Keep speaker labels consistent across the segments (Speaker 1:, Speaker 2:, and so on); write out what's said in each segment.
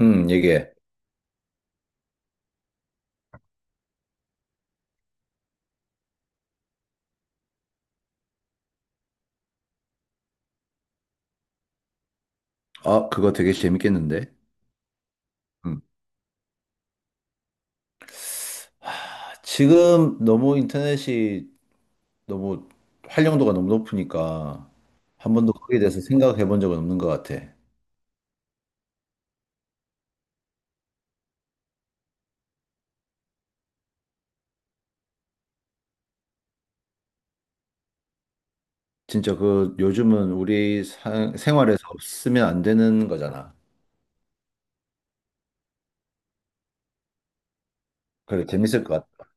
Speaker 1: 응, 얘기해. 아, 그거 되게 재밌겠는데? 응. 지금 너무 인터넷이 너무 활용도가 너무 높으니까 한 번도 거기에 대해서 생각해 본 적은 없는 것 같아. 진짜 그 요즘은 우리 생활에서 없으면 안 되는 거잖아. 그래, 재밌을 것 같아.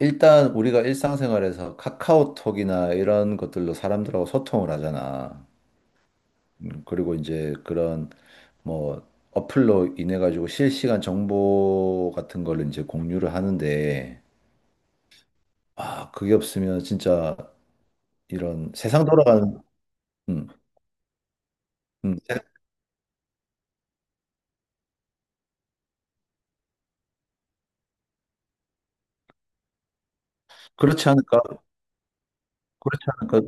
Speaker 1: 일단 우리가 일상생활에서 카카오톡이나 이런 것들로 사람들하고 소통을 하잖아. 그리고 이제 그런 뭐 어플로 인해 가지고 실시간 정보 같은 걸 이제 공유를 하는데 그게 없으면 진짜 이런 세상 돌아가는. 음, 음, 세- 그렇지 않을까. 그렇지 않을까.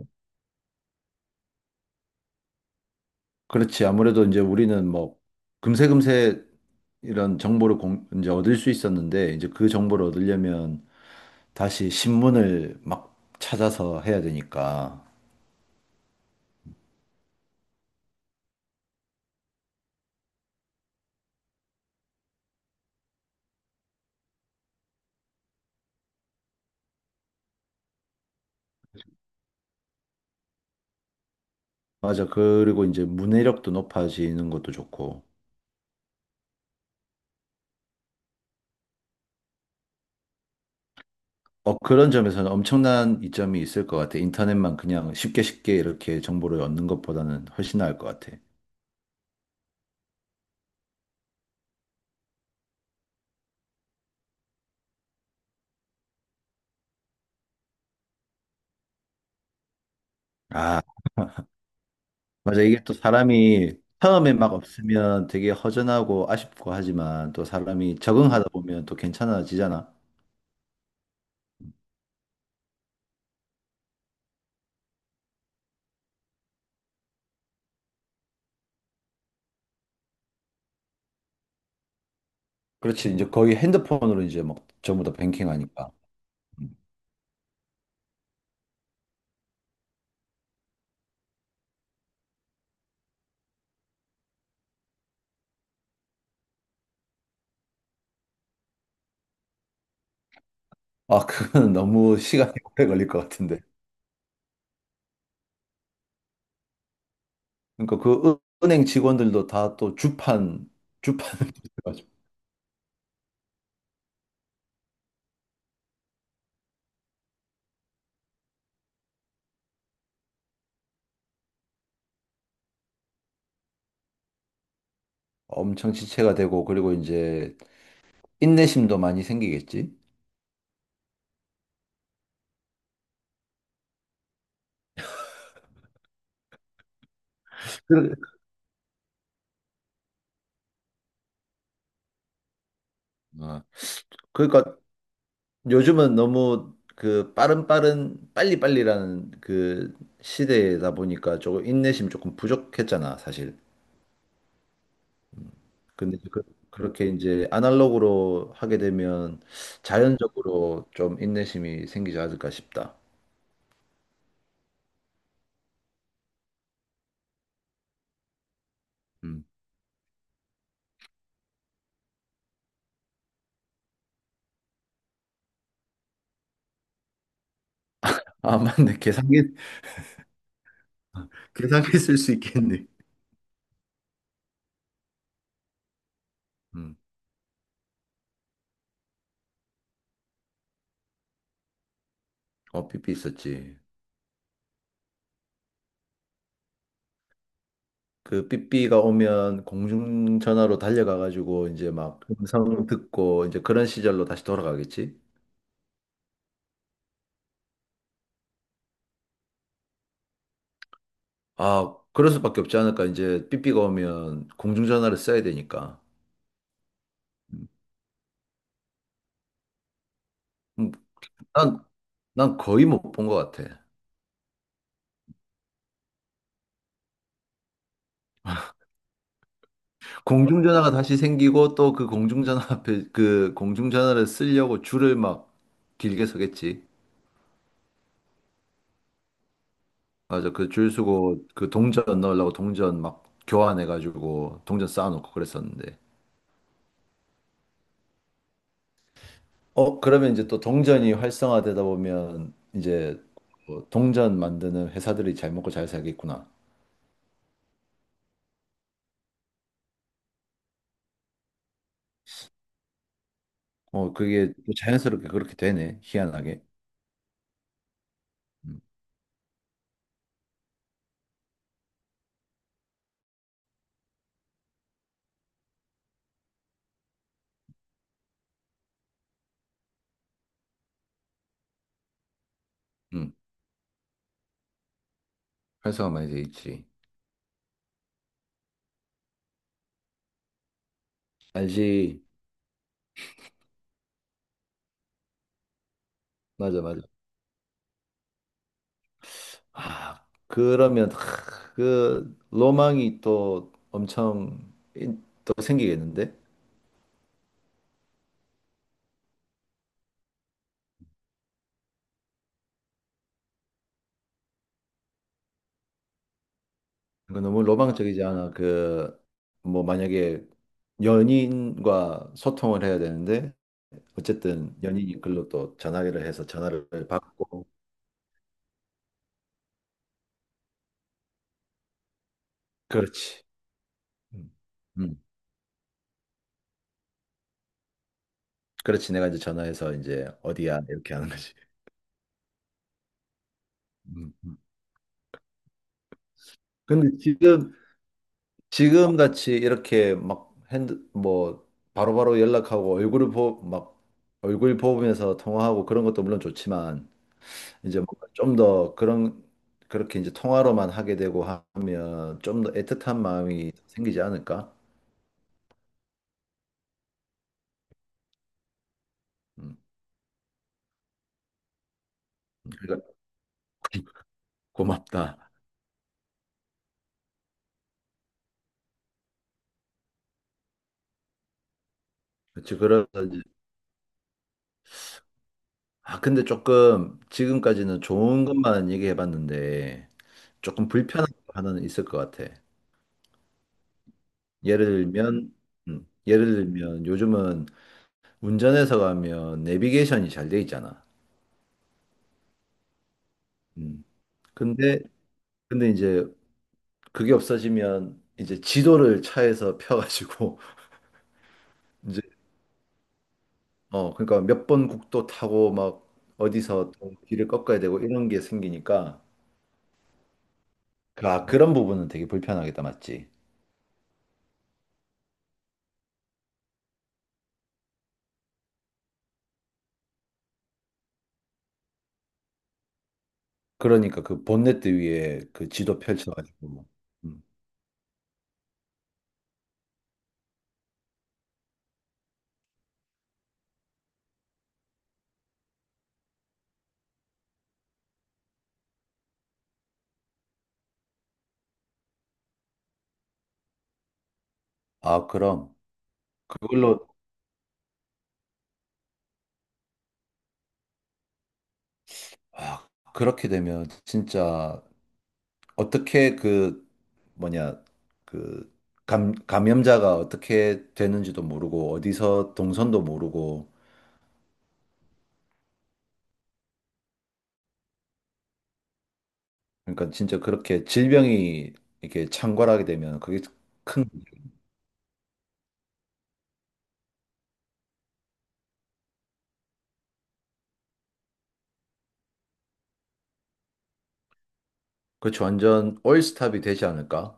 Speaker 1: 그렇지, 아무래도 이제 우리는 뭐 금세금세 이런 정보를 이제 얻을 수 있었는데 이제 그 정보를 얻으려면 다시 신문을 막 찾아서 해야 되니까. 맞아, 그리고 이제 문해력도 높아지는 것도 좋고. 그런 점에서는 엄청난 이점이 있을 것 같아. 인터넷만 그냥 쉽게 쉽게 이렇게 정보를 얻는 것보다는 훨씬 나을 것 같아. 아, 맞아. 이게 또 사람이 처음에 막 없으면 되게 허전하고 아쉽고 하지만 또 사람이 적응하다 보면 또 괜찮아지잖아. 그렇지. 이제 거의 핸드폰으로 이제 막 전부 다 뱅킹하니까. 아, 그건 너무 시간이 오래 걸릴 것 같은데. 그러니까 은행 직원들도 다 또 주판, 주판 엄청 지체가 되고 그리고 이제 인내심도 많이 생기겠지. 그- 어, 그러니까 요즘은 너무 그 빠른 빠른 빨리빨리라는 그 시대다 보니까 조금 인내심 조금 부족했잖아, 사실. 근데 그렇게 이제 아날로그로 하게 되면 자연적으로 좀 인내심이 생기지 않을까 싶다. 음. 아, 맞네. 계산기, 계산기 쓸 수 있겠네. 음. 어, 삐삐 있었지. 그 삐삐가 오면 공중전화로 달려가가지고 이제 막 음성 듣고 이제 그런 시절로 다시 돌아가겠지? 아, 그럴 수밖에 없지 않을까? 이제 삐삐가 오면 공중전화를 써야 되니까. 음, 난, 난 거의 못 본 것 같아. 공중전화가 다시 생기고 또 그 공중전화 앞에 그 공중전화를 쓰려고 줄을 막 길게 서겠지. 맞아. 그 줄 서고 그 동전 넣으려고 동전 막 교환해가지고 동전 쌓아놓고 그랬었는데. 어, 그러면 이제 또 동전이 활성화되다 보면 이제 뭐 동전 만드는 회사들이 잘 먹고 잘 살겠구나. 어, 그게 또 자연스럽게 그렇게 되네. 희한하게. 음, 음. 활성화 많이 돼 있지. 알지. 맞아, 맞아. 아, 그러면 그 로망이 또 엄청 또 생기겠는데? 이거 너무 로망적이지 않아. 뭐, 만약에 연인과 소통을 해야 되는데, 어쨌든 연인이 글로 또 전화기를 해서 전화를 받고. 그렇지. 음. 음. 그렇지. 내가 이제 전화해서 이제 어디야? 이렇게 하는 거지. 음. 음. 근데 지금 같이 이렇게 막 뭐, 바로바로 연락하고 막, 얼굴 보면서 통화하고 그런 것도 물론 좋지만, 이제 좀 더 그런, 그렇게 이제 통화로만 하게 되고 하면 좀 더 애틋한 마음이 생기지 않을까? 음, 그러니까 고맙다. 그렇지. 그래서 이제, 근데 조금 지금까지는 좋은 것만 얘기해 봤는데 조금 불편한 거 하나는 있을 것 같아. 예를 들면 예를 들면 요즘은 운전해서 가면 내비게이션이 잘 돼 있잖아. 음. 근데 근데 이제 그게 없어지면 이제 지도를 차에서 펴가지고 이제, 그러니까 몇 번 국도 타고 막 어디서 또 길을 꺾어야 되고 이런 게 생기니까, 그런 부분은 되게 불편하겠다, 맞지? 그러니까 그 본네트 위에 그 지도 펼쳐가지고 뭐. 음. 아, 그럼 그걸로 아, 그렇게 되면 진짜 어떻게 그 뭐냐, 그 감염자가 어떻게 되는지도 모르고 어디서 동선도 모르고. 그러니까 진짜 그렇게 질병이 이렇게 창궐하게 되면 그게 그렇지, 완전 올스탑이 되지 않을까?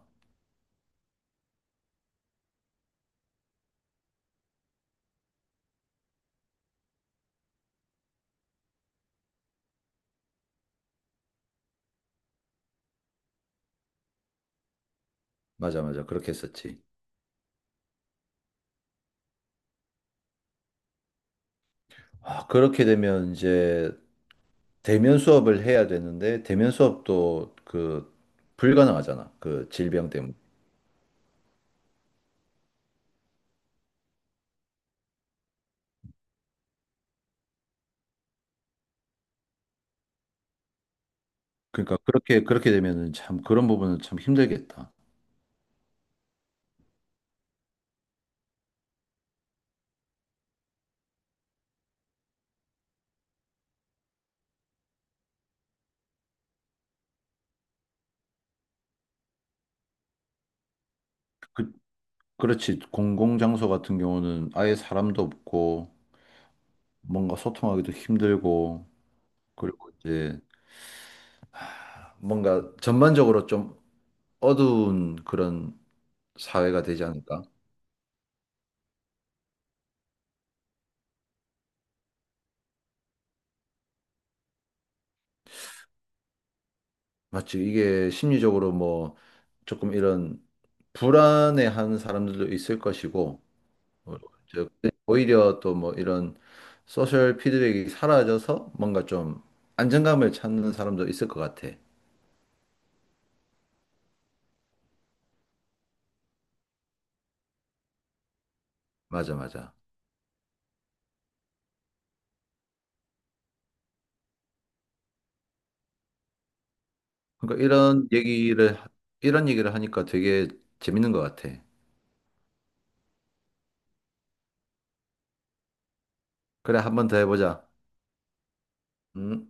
Speaker 1: 맞아, 맞아. 그렇게 했었지. 아, 그렇게 되면 이제 대면 수업을 해야 되는데, 대면 수업도 그 불가능하잖아. 그 질병 때문에. 그러니까 그렇게 되면은 참 그런 부분은 참 힘들겠다. 그, 그렇지. 공공장소 같은 경우는 아예 사람도 없고, 뭔가 소통하기도 힘들고, 그리고 이제 뭔가 전반적으로 좀 어두운 그런 사회가 되지 않을까? 맞지. 이게 심리적으로 뭐 조금 이런 불안해하는 사람들도 있을 것이고, 어, 저- 오히려 또 뭐 이런 소셜 피드백이 사라져서 뭔가 좀 안정감을 찾는 사람도 있을 것 같아. 맞아, 맞아. 그러니까 이런 얘기를 하니까 되게 재밌는 것 같아. 그래, 한 번 더 해보자. 음.